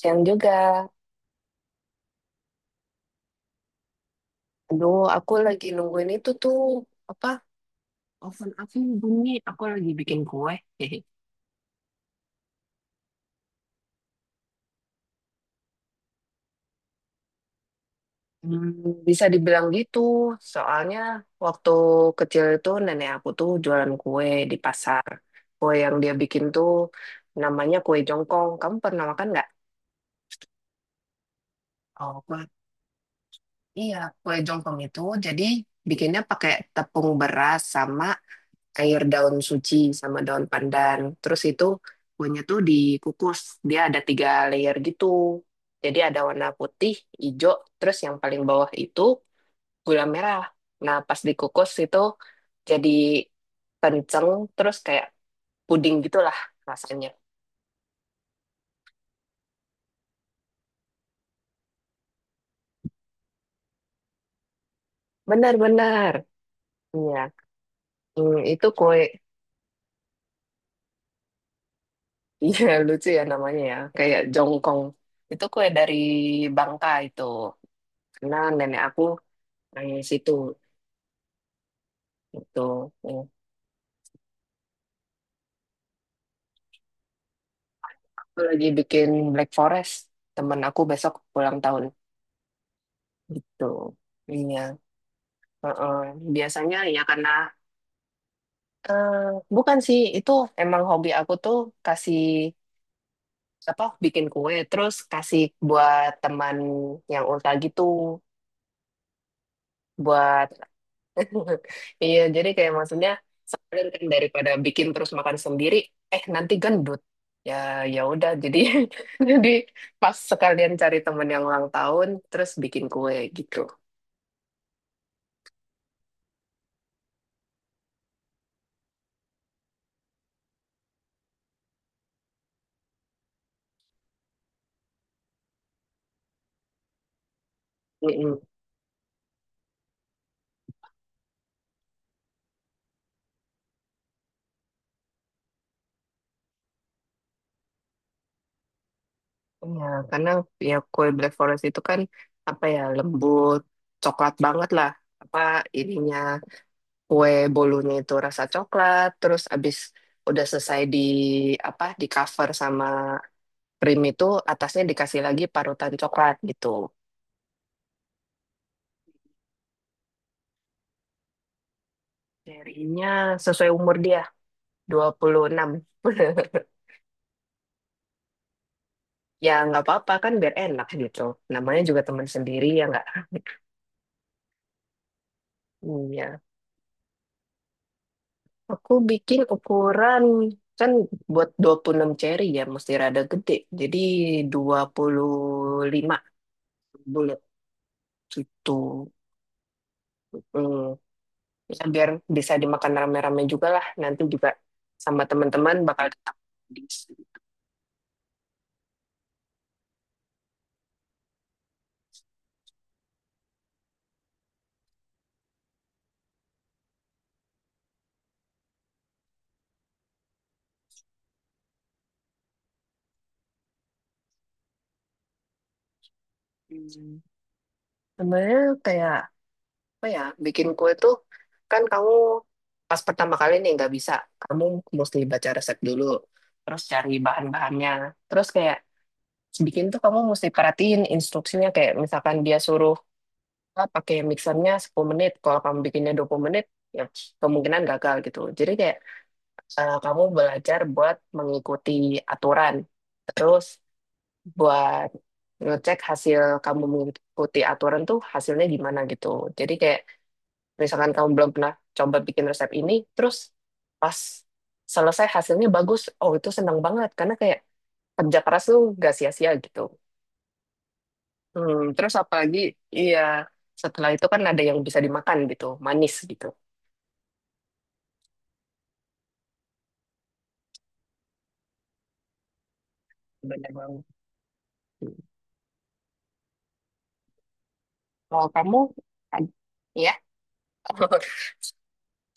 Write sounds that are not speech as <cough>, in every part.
Siang juga. Aduh, aku lagi nungguin itu tuh apa? Oven aku bunyi. Aku lagi bikin kue. <laughs> Hmm, bisa dibilang gitu. Soalnya waktu kecil itu nenek aku tuh jualan kue di pasar. Kue yang dia bikin tuh namanya kue jongkong. Kamu pernah makan nggak? Oh, kue. Iya, kue jongkong itu jadi bikinnya pakai tepung beras sama air daun suci sama daun pandan. Terus itu kuahnya tuh dikukus. Dia ada tiga layer gitu. Jadi ada warna putih, hijau, terus yang paling bawah itu gula merah. Nah, pas dikukus itu jadi kenceng, terus kayak puding gitulah rasanya. Benar-benar. Iya. Hmm, itu kue. <laughs> Iya, lucu ya namanya ya. Kayak jongkong. Itu kue dari Bangka itu. Karena nenek aku dari situ. Itu. Aku lagi bikin Black Forest. Temen aku besok ulang tahun gitu. Iya. Heeh. Biasanya ya karena eh, bukan sih itu emang hobi aku tuh kasih apa bikin kue terus kasih buat teman yang ulta gitu buat <laughs> iya jadi kayak maksudnya sekalian kan daripada bikin terus makan sendiri eh nanti gendut ya ya udah jadi <laughs> jadi pas sekalian cari temen yang ulang tahun terus bikin kue gitu. Mm-mm. Ya, karena ya kue Black Forest itu kan apa ya lembut, coklat banget lah. Apa ininya kue bolunya itu rasa coklat, terus abis udah selesai di apa di cover sama krim itu atasnya dikasih lagi parutan coklat gitu. Darinya sesuai umur dia 26. <laughs> Ya nggak apa-apa kan biar enak gitu. Namanya juga teman sendiri ya nggak. Iya. Aku bikin ukuran kan buat 26 ceri ya mesti rada gede. Jadi 25 bulat gitu. Hmm. Ya, biar bisa dimakan rame-rame juga lah. Nanti juga sama teman-teman bakal tetap di sini. Hmm. Sebenarnya kayak apa ya bikin kue tuh kan kamu pas pertama kali nih nggak bisa. Kamu mesti baca resep dulu. Terus cari bahan-bahannya. Terus kayak bikin tuh kamu mesti perhatiin instruksinya kayak misalkan dia suruh ah, pakai mixernya 10 menit kalau kamu bikinnya 20 menit ya kemungkinan gagal gitu jadi kayak eh, kamu belajar buat mengikuti aturan terus buat ngecek hasil kamu mengikuti aturan tuh hasilnya gimana gitu jadi kayak misalkan kamu belum pernah coba bikin resep ini terus pas selesai hasilnya bagus oh itu seneng banget karena kayak kerja keras tuh gak sia-sia gitu. Hmm, terus apalagi, iya, setelah itu kan ada yang bisa dimakan gitu, manis gitu. Benar banget. Hmm. Kalau kamu, ad- ya, <laughs>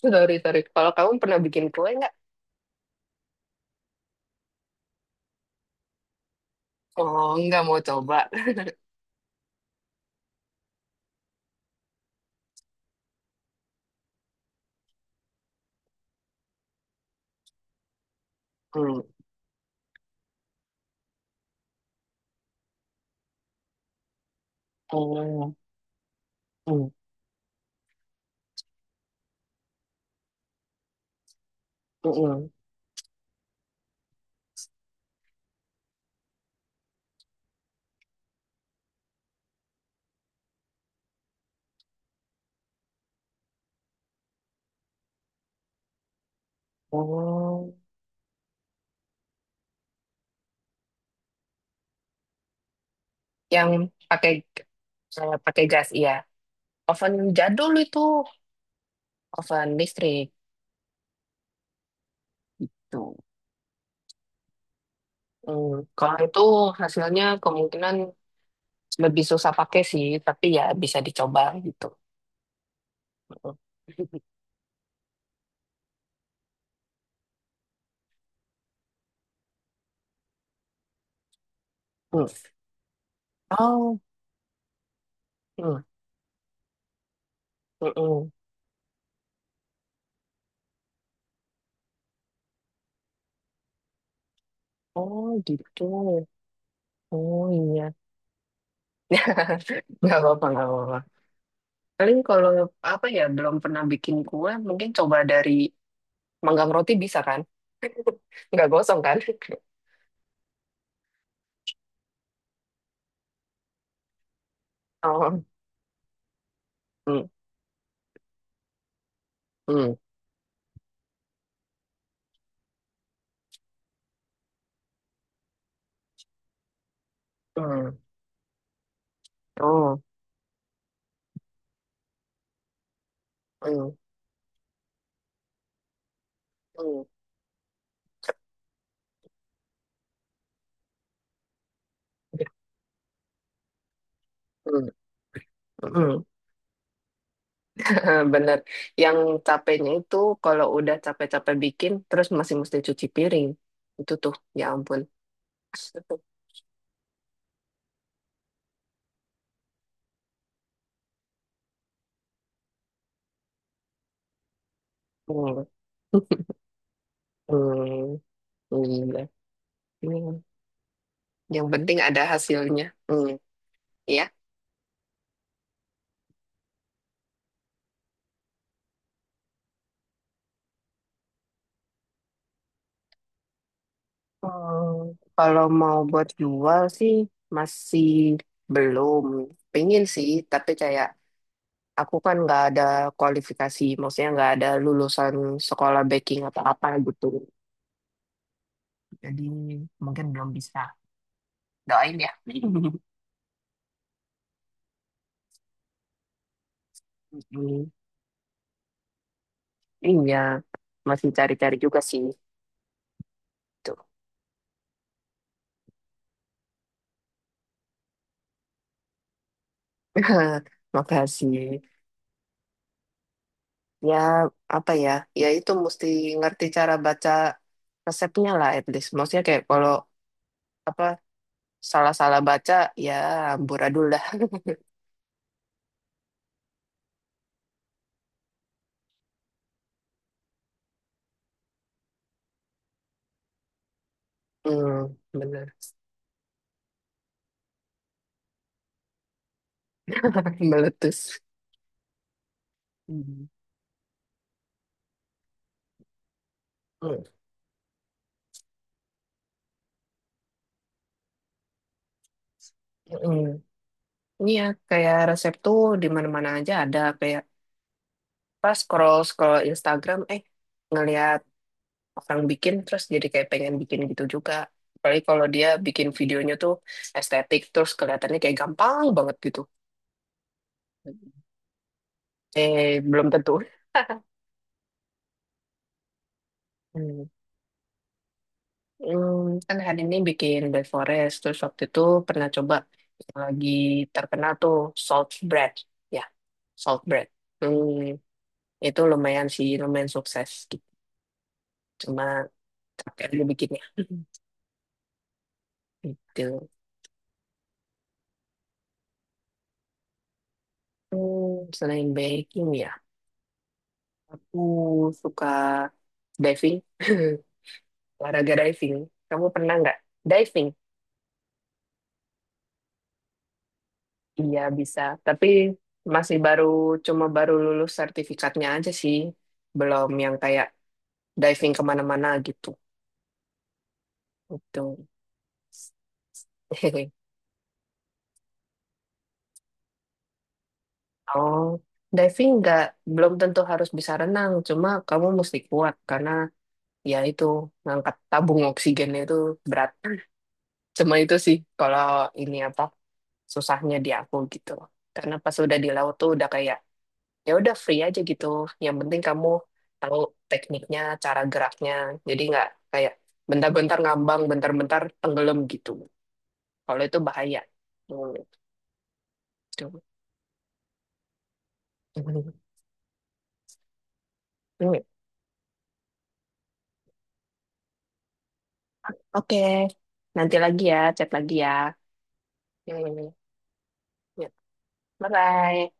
sorry, sorry. Kalau kamu pernah bikin kue nggak? Oh, nggak mau coba. <laughs> Hmm. Oh, hmm. mm. Oh, yang pakai pakai gas, iya. Oven jadul itu, oven listrik gitu. Hmm. Kalau itu hasilnya kemungkinan lebih susah pakai sih, tapi ya bisa dicoba gitu. Hmm. Hmm. Oh, hmm. Hmm, mm. Oh gitu. Oh iya. <laughs> Nggak apa-apa, gak apa-apa. Paling kalau apa ya belum pernah bikin kue, mungkin coba dari manggang roti bisa kan? Nggak gosong kan? <laughs> Oh, hmm, hmm, hmm. Oh, hmm, hmm, hmm, hmm. <laughs> Bener. Yang capeknya itu kalau udah capek-capek bikin, terus masih mesti cuci piring. Itu tuh, ya ampun. <laughs> Hmm. Hmm. Iya. Hmm. Yang penting ada hasilnya. Hmm. Ya. Hmm, kalau mau buat jual sih masih belum. Pengen sih, tapi kayak aku kan nggak ada kualifikasi, maksudnya nggak ada lulusan sekolah baking atau apa gitu. Jadi mungkin belum bisa. Doain ya. <laughs> Hmm, iya, masih cari-cari juga sih. Tuh. <laughs> Makasih. Ya, apa ya? Ya itu mesti ngerti cara baca resepnya lah at least. Maksudnya kayak kalau apa salah-salah baca ya amburadul dah. Hmm, bener. <laughs> Meletus. Hmm. Hmm. Hmm. Iya, kayak resep tuh di mana-mana aja ada kayak pas scroll scroll Instagram eh ngelihat orang bikin terus jadi kayak pengen bikin gitu juga. Apalagi kalau dia bikin videonya tuh estetik terus kelihatannya kayak gampang banget gitu. Eh belum tentu. Hmm. Hmm, kan hari ini bikin bread forest, terus waktu itu pernah coba yang lagi terkenal tuh salt bread, ya salt bread. Hmm, itu lumayan sih, lumayan sukses gitu. Cuma capek aja bikinnya. <laughs> Gitu. Hmm, selain baking ya, aku suka diving, <laughs> olahraga diving. Kamu pernah nggak diving? Iya bisa, tapi masih baru, cuma baru lulus sertifikatnya aja sih. Belum yang kayak diving kemana-mana gitu. Gitu. <laughs> Oh, diving nggak belum tentu harus bisa renang, cuma kamu mesti kuat karena ya itu ngangkat tabung oksigen itu berat. Cuma itu sih kalau ini apa susahnya di aku gitu. Karena pas udah di laut tuh udah kayak ya udah free aja gitu. Yang penting kamu tahu tekniknya, cara geraknya. Jadi nggak kayak bentar-bentar ngambang, bentar-bentar tenggelam gitu. Kalau itu bahaya. Hmm, gitu. <laughs> Oke, nanti lagi ya, chat lagi ya. Ini, ya, ya. Ya, bye-bye.